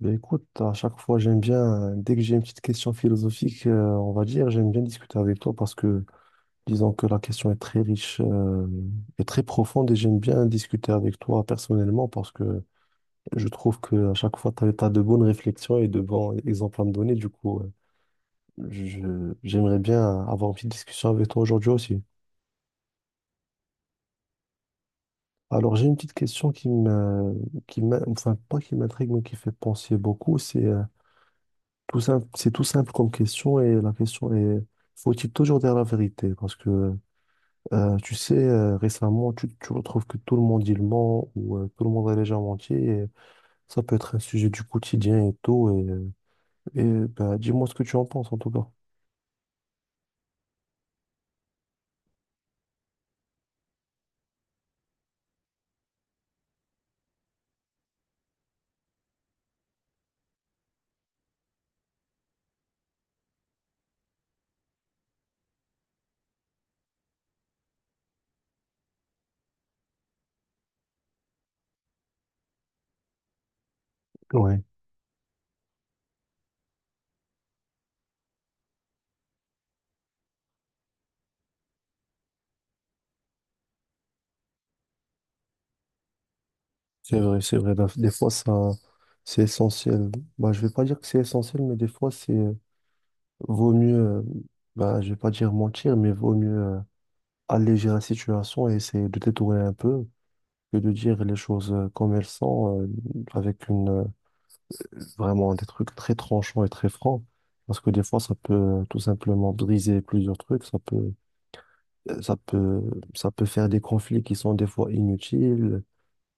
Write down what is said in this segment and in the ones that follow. Ben écoute, à chaque fois, j'aime bien, dès que j'ai une petite question philosophique, on va dire, j'aime bien discuter avec toi parce que, disons que la question est très riche, et très profonde et j'aime bien discuter avec toi personnellement parce que je trouve que à chaque fois, tu as, de bonnes réflexions et de bons exemples à me donner. Du coup, j'aimerais bien avoir une petite discussion avec toi aujourd'hui aussi. Alors, j'ai une petite question enfin, pas qui m'intrigue, mais qui fait penser beaucoup, Tout simple, c'est tout simple comme question et la question est, faut-il toujours dire la vérité? Parce que tu sais, récemment, tu retrouves que tout le monde il ment ou tout le monde a déjà menti et ça peut être un sujet du quotidien et tout. Et bah, dis-moi ce que tu en penses en tout cas. Ouais, c'est vrai, c'est vrai. Bah, des fois, ça, c'est essentiel. Bah, je vais pas dire que c'est essentiel, mais des fois, c'est vaut mieux, bah, je vais pas dire mentir, mais vaut mieux euh, alléger la situation et essayer de détourner un peu. Que de dire les choses comme elles sont, avec vraiment des trucs très tranchants et très francs. Parce que des fois, ça peut tout simplement briser plusieurs trucs, euh, ça peut, ça peut faire des conflits qui sont des fois inutiles.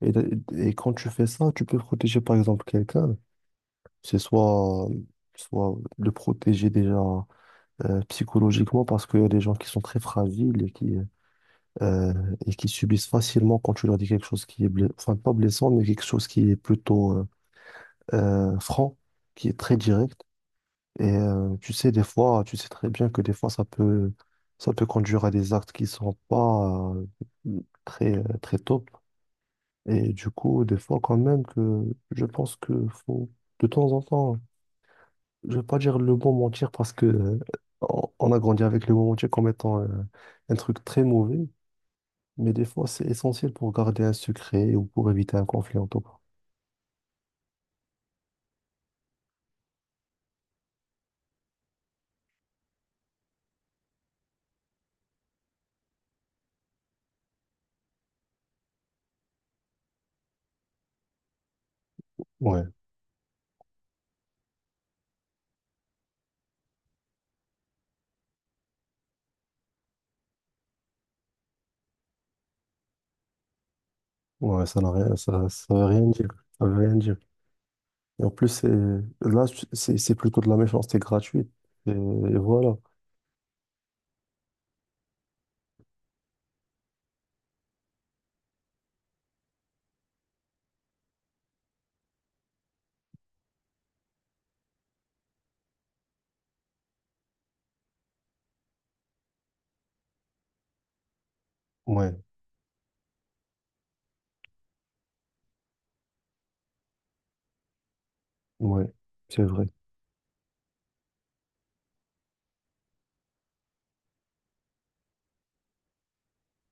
Et, et quand tu fais ça, tu peux protéger par exemple quelqu'un. C'est soit, euh, soit le protéger déjà psychologiquement parce qu'il y a des gens qui sont très fragiles euh, et qui subissent facilement quand tu leur dis quelque chose qui est blessant, enfin pas blessant, mais quelque chose qui est plutôt franc, qui est très direct. Et tu sais, des fois, tu sais très bien que des fois, ça peut conduire à des actes qui sont pas très, très top. Et du coup, des fois, quand même, que je pense que faut, de temps en temps, je vais pas dire le bon mentir parce que on a grandi avec le bon mentir comme étant un truc très mauvais. Mais des fois, c'est essentiel pour garder un secret ou pour éviter un conflit en tout cas. Ouais, ouais, ça n'a rien, ça veut rien dire. Ça veut rien dire. Et en plus, c'est, là, c'est plutôt de la méchanceté gratuite. Et voilà. Ouais, ouais, c'est vrai.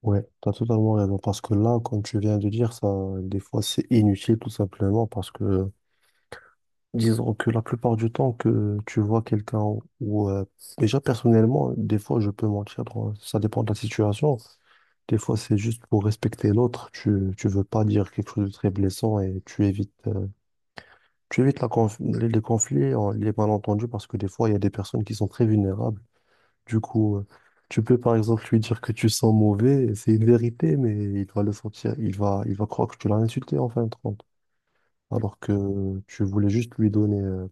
Ouais, t'as totalement raison. Parce que là, comme tu viens de dire, ça, des fois, c'est inutile, tout simplement. Parce que, disons que la plupart du temps que tu vois quelqu'un ou, euh, déjà, personnellement, des fois, je peux mentir. Ça dépend de la situation. Des fois, c'est juste pour respecter l'autre. Tu veux pas dire quelque chose de très blessant et tu évites. Tu évites les conflits, les malentendus, parce que des fois, il y a des personnes qui sont très vulnérables. Du coup, tu peux par exemple lui dire que tu sens mauvais, c'est une vérité, mais il va le sentir, il va croire que tu l'as insulté en fin de compte. Alors que tu voulais juste lui donner,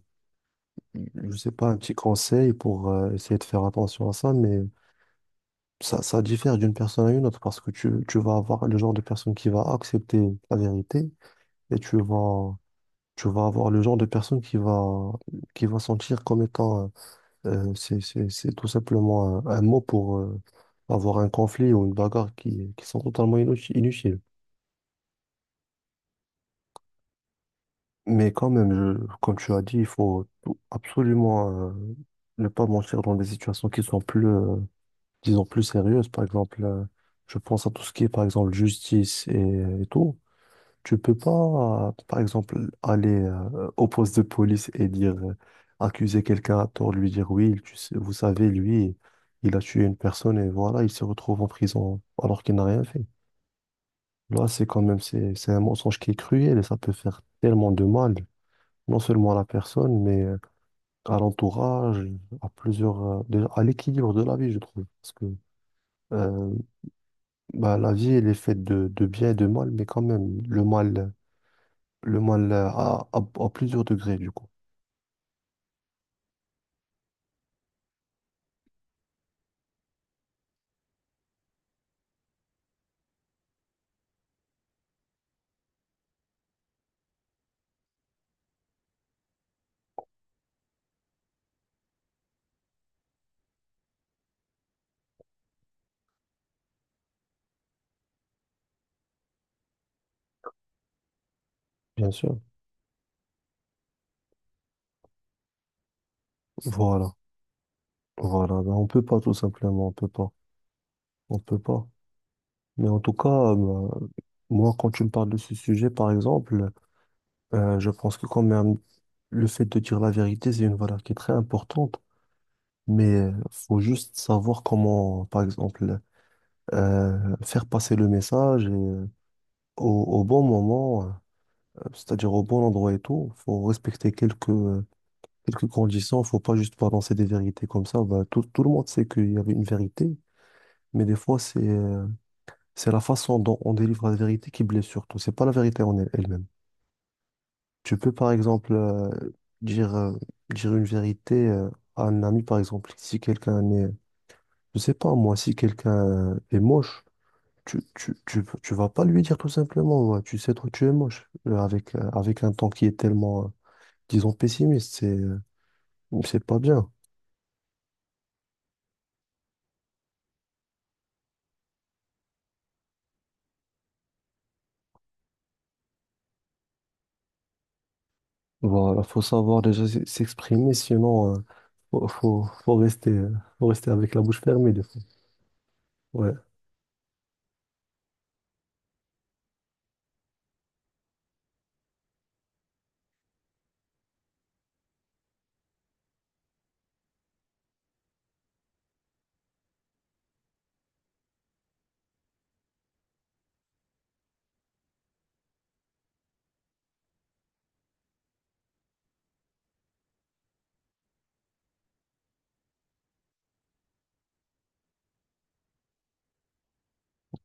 je sais pas, un petit conseil pour essayer de faire attention à ça, mais ça diffère d'une personne à une autre parce que tu vas avoir le genre de personne qui va accepter la vérité et tu vas avoir le genre de personne qui va sentir comme étant, c'est tout simplement un mot pour avoir un conflit ou une bagarre qui sont totalement inutiles. Mais quand même, comme tu as dit, il faut absolument ne pas mentir dans des situations qui sont plus, disons, plus sérieuses. Par exemple, je pense à tout ce qui est, par exemple, justice et tout. Tu peux pas, par exemple, aller au poste de police et dire, accuser quelqu'un à tort, lui dire oui, vous savez, lui, il a tué une personne et voilà, il se retrouve en prison alors qu'il n'a rien fait. Là, c'est quand même, c'est un mensonge qui est cruel et ça peut faire tellement de mal, non seulement à la personne, mais à l'entourage, à plusieurs, déjà, à l'équilibre de la vie, je trouve. Parce que euh, bah, la vie, elle est faite de bien et de mal, mais quand même, le mal. Le mal à plusieurs degrés, du coup. Bien sûr. Voilà. Voilà. Ben, on peut pas, tout simplement. On peut pas. On peut pas. Mais en tout cas, moi, quand tu me parles de ce sujet, par exemple, je pense que quand même, le fait de dire la vérité, c'est une valeur qui est très importante. Mais faut juste savoir comment, par exemple, faire passer le message au, au bon moment, c'est-à-dire au bon endroit et tout. Faut respecter quelques, quelques conditions, faut pas juste balancer des vérités comme ça. Bah, tout, tout le monde sait qu'il y avait une vérité, mais des fois, c'est la façon dont on délivre la vérité qui blesse surtout. C'est pas la vérité en elle-même. Tu peux, par exemple, dire, euh, dire une vérité à un ami, par exemple. Si quelqu'un est, je sais pas, moi, si quelqu'un est moche, tu vas pas lui dire tout simplement, ouais, tu sais, toi, tu es moche. Avec un ton qui est tellement, disons, pessimiste, c'est pas bien. Voilà, faut savoir déjà s'exprimer, sinon faut, faut, faut rester, euh, faut rester avec la bouche fermée des fois. Ouais,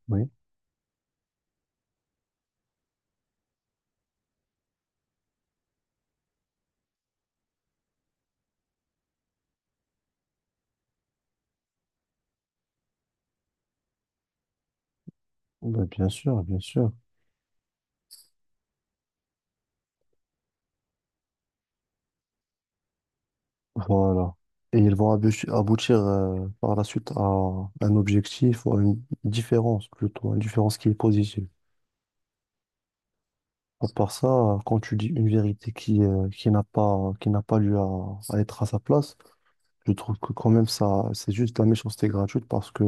oui, bah, bien sûr, bien sûr. Voilà. Et ils vont aboutir par la suite à un objectif ou à une différence plutôt, une différence qui est positive. À part ça, quand tu dis une vérité qui n'a pas lieu à être à sa place, je trouve que quand même ça, c'est juste de la méchanceté gratuite parce que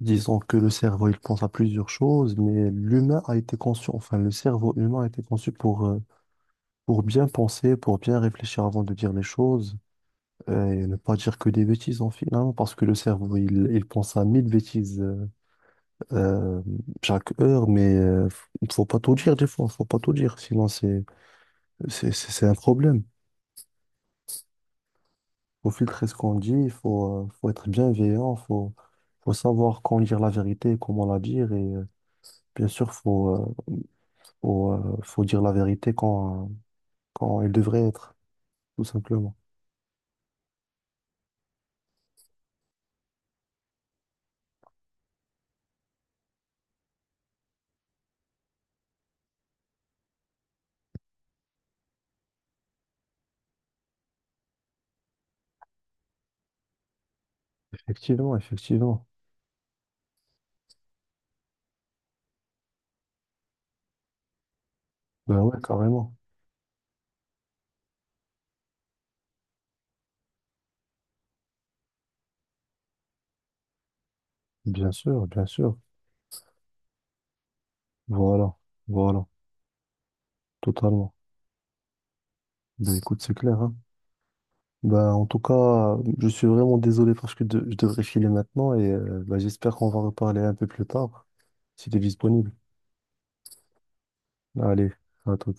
disons que le cerveau, il pense à plusieurs choses, mais l'humain a été conçu, enfin, le cerveau humain a été conçu pour bien penser, pour bien réfléchir avant de dire les choses, et ne pas dire que des bêtises, en finalement, parce que le cerveau, il pense à mille bêtises, euh, chaque heure, mais faut pas tout dire, des fois, faut pas tout dire, sinon c'est, c'est un problème. Faut filtrer ce qu'on dit, il faut, faut être bienveillant, faut, faut savoir quand dire la vérité, comment la dire, bien sûr, faut dire la vérité quand, quand elle devrait être, tout simplement. Effectivement, effectivement. Ben ouais, carrément. Bien sûr, bien sûr. Voilà, voilà, totalement. Ben écoute, c'est clair, hein. Ben, en tout cas, je suis vraiment désolé parce que je devrais filer maintenant et ben, j'espère qu'on va reparler un peu plus tard, si t'es disponible. Allez, à tout.